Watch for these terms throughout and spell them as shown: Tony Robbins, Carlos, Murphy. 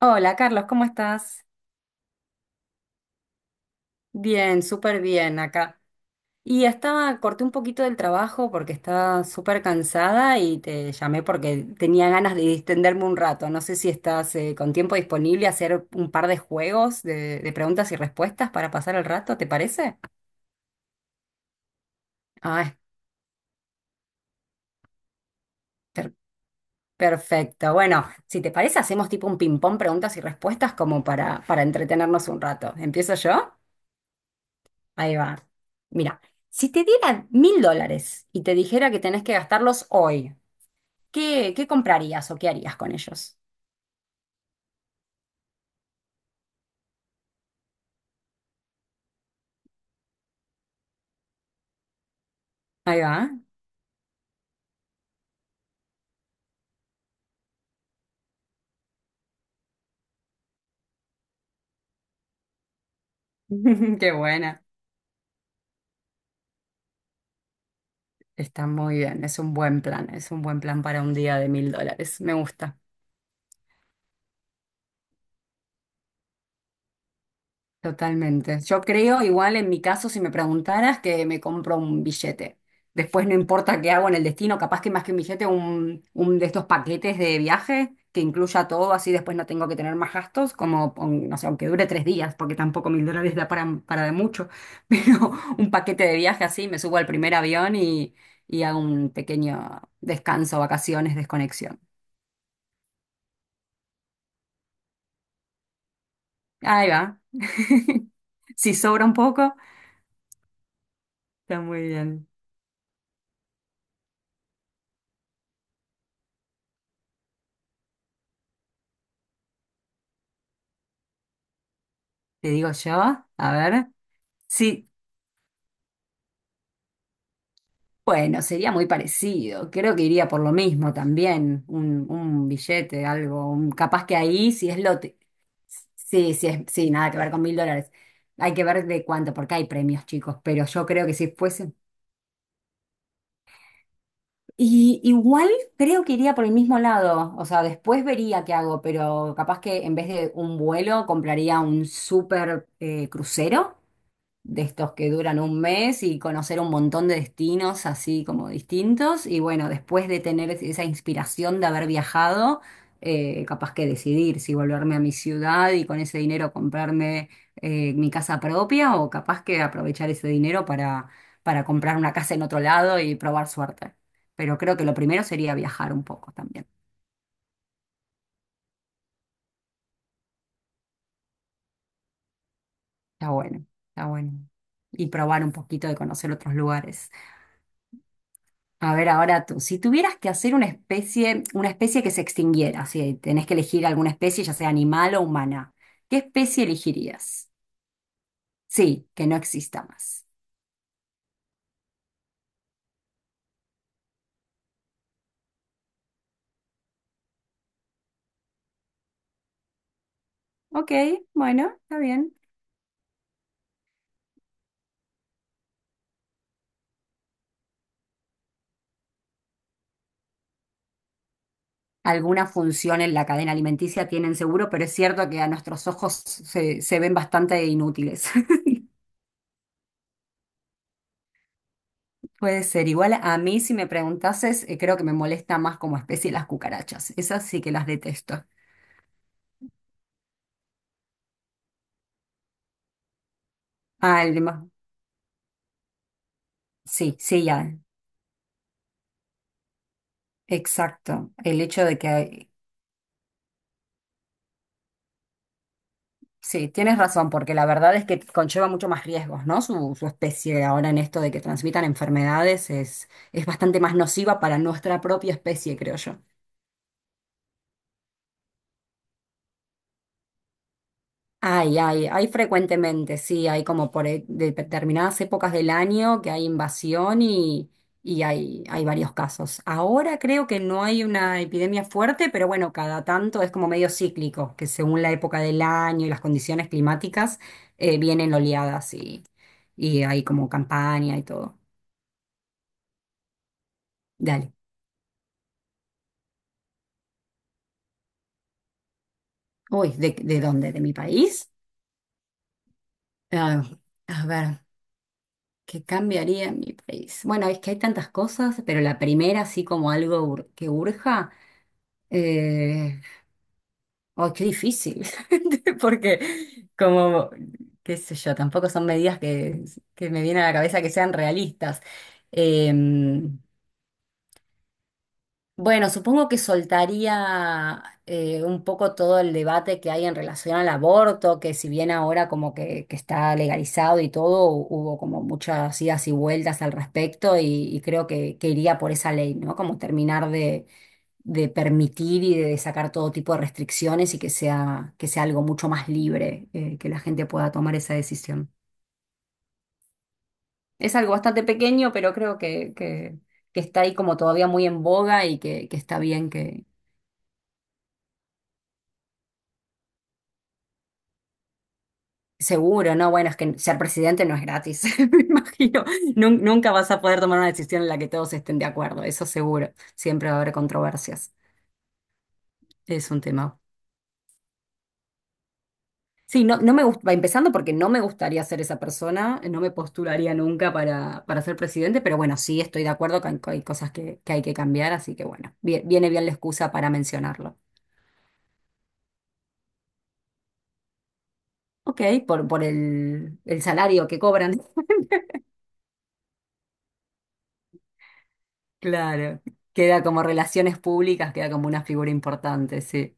Hola Carlos, ¿cómo estás? Bien, súper bien acá. Y estaba, corté un poquito del trabajo porque estaba súper cansada y te llamé porque tenía ganas de distenderme un rato. No sé si estás con tiempo disponible a hacer un par de juegos de preguntas y respuestas para pasar el rato, ¿te parece? Ah, perfecto. Bueno, si te parece, hacemos tipo un ping-pong preguntas y respuestas como para entretenernos un rato. ¿Empiezo yo? Ahí va. Mira, si te dieran $1,000 y te dijera que tenés que gastarlos hoy, ¿qué, qué comprarías o qué harías con ellos? Ahí va. Qué buena. Está muy bien, es un buen plan, es un buen plan para un día de $1,000. Me gusta. Totalmente. Yo creo, igual en mi caso, si me preguntaras, que me compro un billete. Después no importa qué hago en el destino, capaz que más que un billete, un de estos paquetes de viaje que incluya todo, así después no tengo que tener más gastos, como, no sé, aunque dure 3 días, porque tampoco $1,000 da para de mucho, pero un paquete de viaje así, me subo al primer avión y hago un pequeño descanso, vacaciones, desconexión. Ahí va. Si sobra un poco, está muy bien. Te digo yo, a ver. Sí, bueno, sería muy parecido. Creo que iría por lo mismo también. Un billete, algo. Capaz que ahí si es lote. Sí, sí, es, sí, nada que ver con $1,000. Hay que ver de cuánto, porque hay premios, chicos. Pero yo creo que si fuese. Y igual creo que iría por el mismo lado. O sea, después vería qué hago, pero capaz que en vez de un vuelo compraría un super crucero de estos que duran un mes y conocer un montón de destinos así como distintos. Y bueno, después de tener esa inspiración de haber viajado, capaz que decidir si volverme a mi ciudad y con ese dinero comprarme mi casa propia o capaz que aprovechar ese dinero para comprar una casa en otro lado y probar suerte. Pero creo que lo primero sería viajar un poco también. Está bueno, está bueno. Y probar un poquito de conocer otros lugares. A ver, ahora tú, si tuvieras que hacer una especie que se extinguiera, si tenés que elegir alguna especie, ya sea animal o humana, ¿qué especie elegirías? Sí, que no exista más. Ok, bueno, está bien. Alguna función en la cadena alimenticia tienen seguro, pero es cierto que a nuestros ojos se ven bastante inútiles. Puede ser. Igual a mí, si me preguntases, creo que me molesta más como especie las cucarachas. Esas sí que las detesto. Ah, sí, sí, ya. Exacto. El hecho de que sí, tienes razón, porque la verdad es que conlleva mucho más riesgos, ¿no? Su especie ahora en esto de que transmitan enfermedades es bastante más nociva para nuestra propia especie, creo yo. Hay frecuentemente, sí, hay como por de determinadas épocas del año que hay invasión y hay varios casos. Ahora creo que no hay una epidemia fuerte, pero bueno, cada tanto es como medio cíclico, que según la época del año y las condiciones climáticas vienen oleadas y hay como campaña y todo. Dale. Uy, de dónde? ¿De mi país? Ah, a ver. ¿Qué cambiaría en mi país? Bueno, es que hay tantas cosas, pero la primera, así como algo que urja, eh, oh, qué difícil, porque como, qué sé yo, tampoco son medidas que me vienen a la cabeza que sean realistas. Eh, Bueno, supongo que soltaría un poco todo el debate que hay en relación al aborto, que si bien ahora como que está legalizado y todo, hubo como muchas idas y vueltas al respecto y creo que iría por esa ley, ¿no? Como terminar de permitir y de sacar todo tipo de restricciones y que sea algo mucho más libre, que la gente pueda tomar esa decisión. Es algo bastante pequeño, pero creo que está ahí como todavía muy en boga y que está bien. Seguro, no, bueno, es que ser presidente no es gratis, me imagino. Nunca vas a poder tomar una decisión en la que todos estén de acuerdo, eso seguro. Siempre va a haber controversias. Es un tema. Sí, no, no me gusta, empezando porque no me gustaría ser esa persona, no me postularía nunca para ser presidente, pero bueno, sí estoy de acuerdo con que hay cosas que hay que cambiar, así que bueno, viene bien la excusa para mencionarlo. Ok, por el salario que cobran. Claro, queda como relaciones públicas, queda como una figura importante, sí.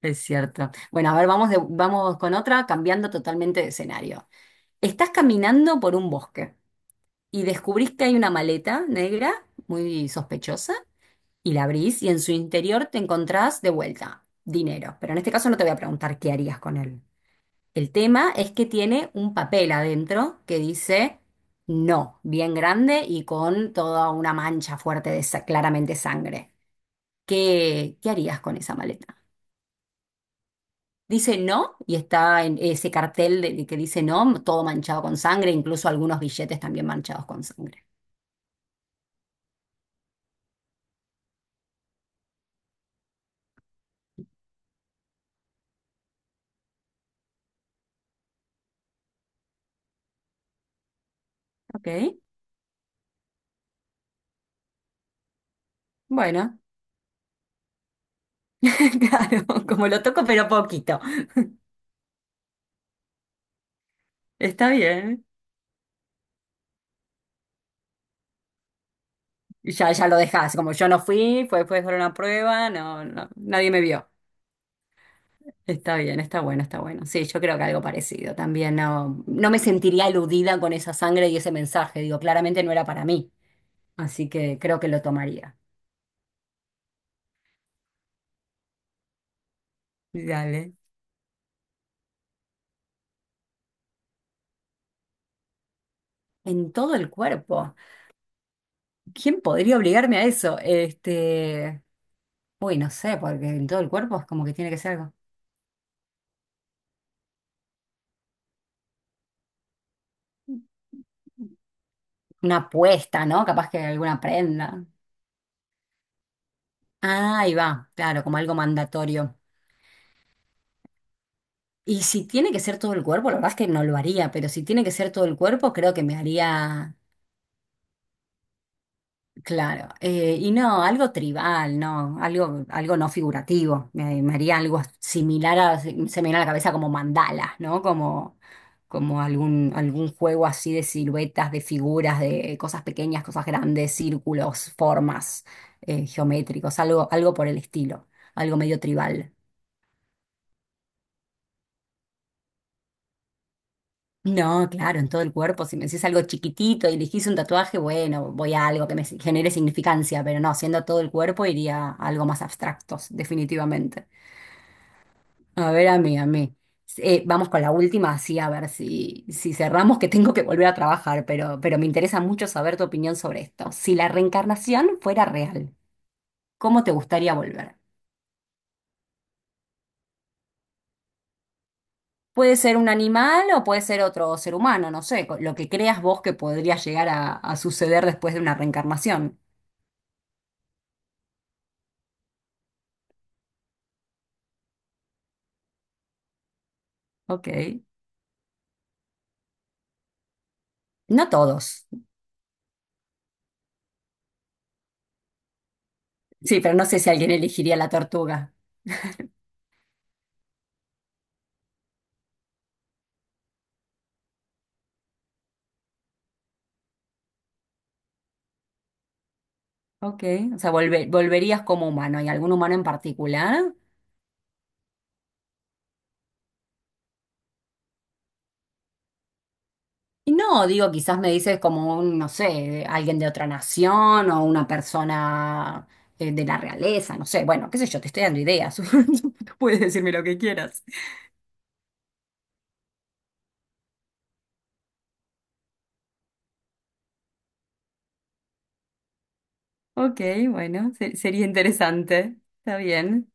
Es cierto. Bueno, a ver, vamos, vamos con otra, cambiando totalmente de escenario. Estás caminando por un bosque y descubrís que hay una maleta negra muy sospechosa y la abrís y en su interior te encontrás de vuelta dinero. Pero en este caso no te voy a preguntar qué harías con él. El tema es que tiene un papel adentro que dice no, bien grande y con toda una mancha fuerte de claramente sangre. ¿Qué, qué harías con esa maleta? Dice no y está en ese cartel que dice no, todo manchado con sangre, incluso algunos billetes también manchados con sangre. Ok, bueno, claro, como lo toco pero poquito. Está bien. Ya, ya lo dejas, como yo no fui, fue, fue por una prueba, no, no, nadie me vio. Está bien, está bueno, está bueno. Sí, yo creo que algo parecido también. No, no me sentiría eludida con esa sangre y ese mensaje. Digo, claramente no era para mí. Así que creo que lo tomaría. Dale. En todo el cuerpo. ¿Quién podría obligarme a eso? Este, uy, no sé, porque en todo el cuerpo es como que tiene que ser algo, una apuesta, ¿no? Capaz que alguna prenda. Ah, ahí va, claro, como algo mandatorio. Y si tiene que ser todo el cuerpo, la verdad es que no lo haría, pero si tiene que ser todo el cuerpo, creo que me haría. Claro, y no, algo tribal, no, algo, algo no figurativo, me haría algo similar a, se me viene a la cabeza como mandalas, ¿no? Como, como algún, algún juego así de siluetas, de figuras, de cosas pequeñas, cosas grandes, círculos, formas, geométricos, algo, algo por el estilo, algo medio tribal. No, claro, en todo el cuerpo. Si me decís algo chiquitito y elegís un tatuaje, bueno, voy a algo que me genere significancia, pero no, siendo todo el cuerpo iría a algo más abstractos, definitivamente. A ver, a mí, a mí. Vamos con la última, así a ver si, si cerramos, que tengo que volver a trabajar, pero me interesa mucho saber tu opinión sobre esto. Si la reencarnación fuera real, ¿cómo te gustaría volver? Puede ser un animal o puede ser otro ser humano, no sé, lo que creas vos que podría llegar a suceder después de una reencarnación. Ok. No todos. Sí, pero no sé si alguien elegiría la tortuga. Ok. O sea, volverías como humano. ¿Y algún humano en particular? Y no, digo, quizás me dices como un, no sé, alguien de otra nación o una persona de la realeza, no sé. Bueno, qué sé yo, te estoy dando ideas. Tú puedes decirme lo que quieras. Ok, bueno, sería interesante. Está bien.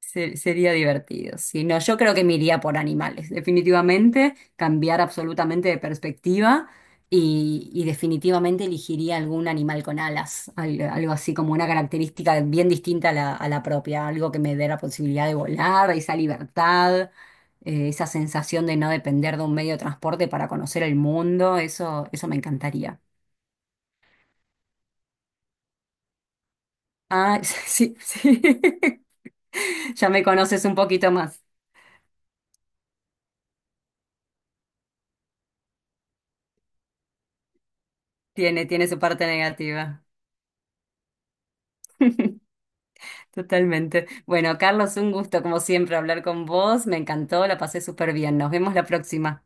Sería divertido. Sí, no, yo creo que me iría por animales, definitivamente, cambiar absolutamente de perspectiva y definitivamente elegiría algún animal con alas, algo así como una característica bien distinta a la propia, algo que me dé la posibilidad de volar, esa libertad, esa sensación de no depender de un medio de transporte para conocer el mundo, eso me encantaría. Ah, sí, sí. Ya me conoces un poquito más. Tiene, tiene su parte negativa. Totalmente. Bueno, Carlos, un gusto como siempre hablar con vos. Me encantó, la pasé súper bien. Nos vemos la próxima.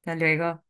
Hasta luego.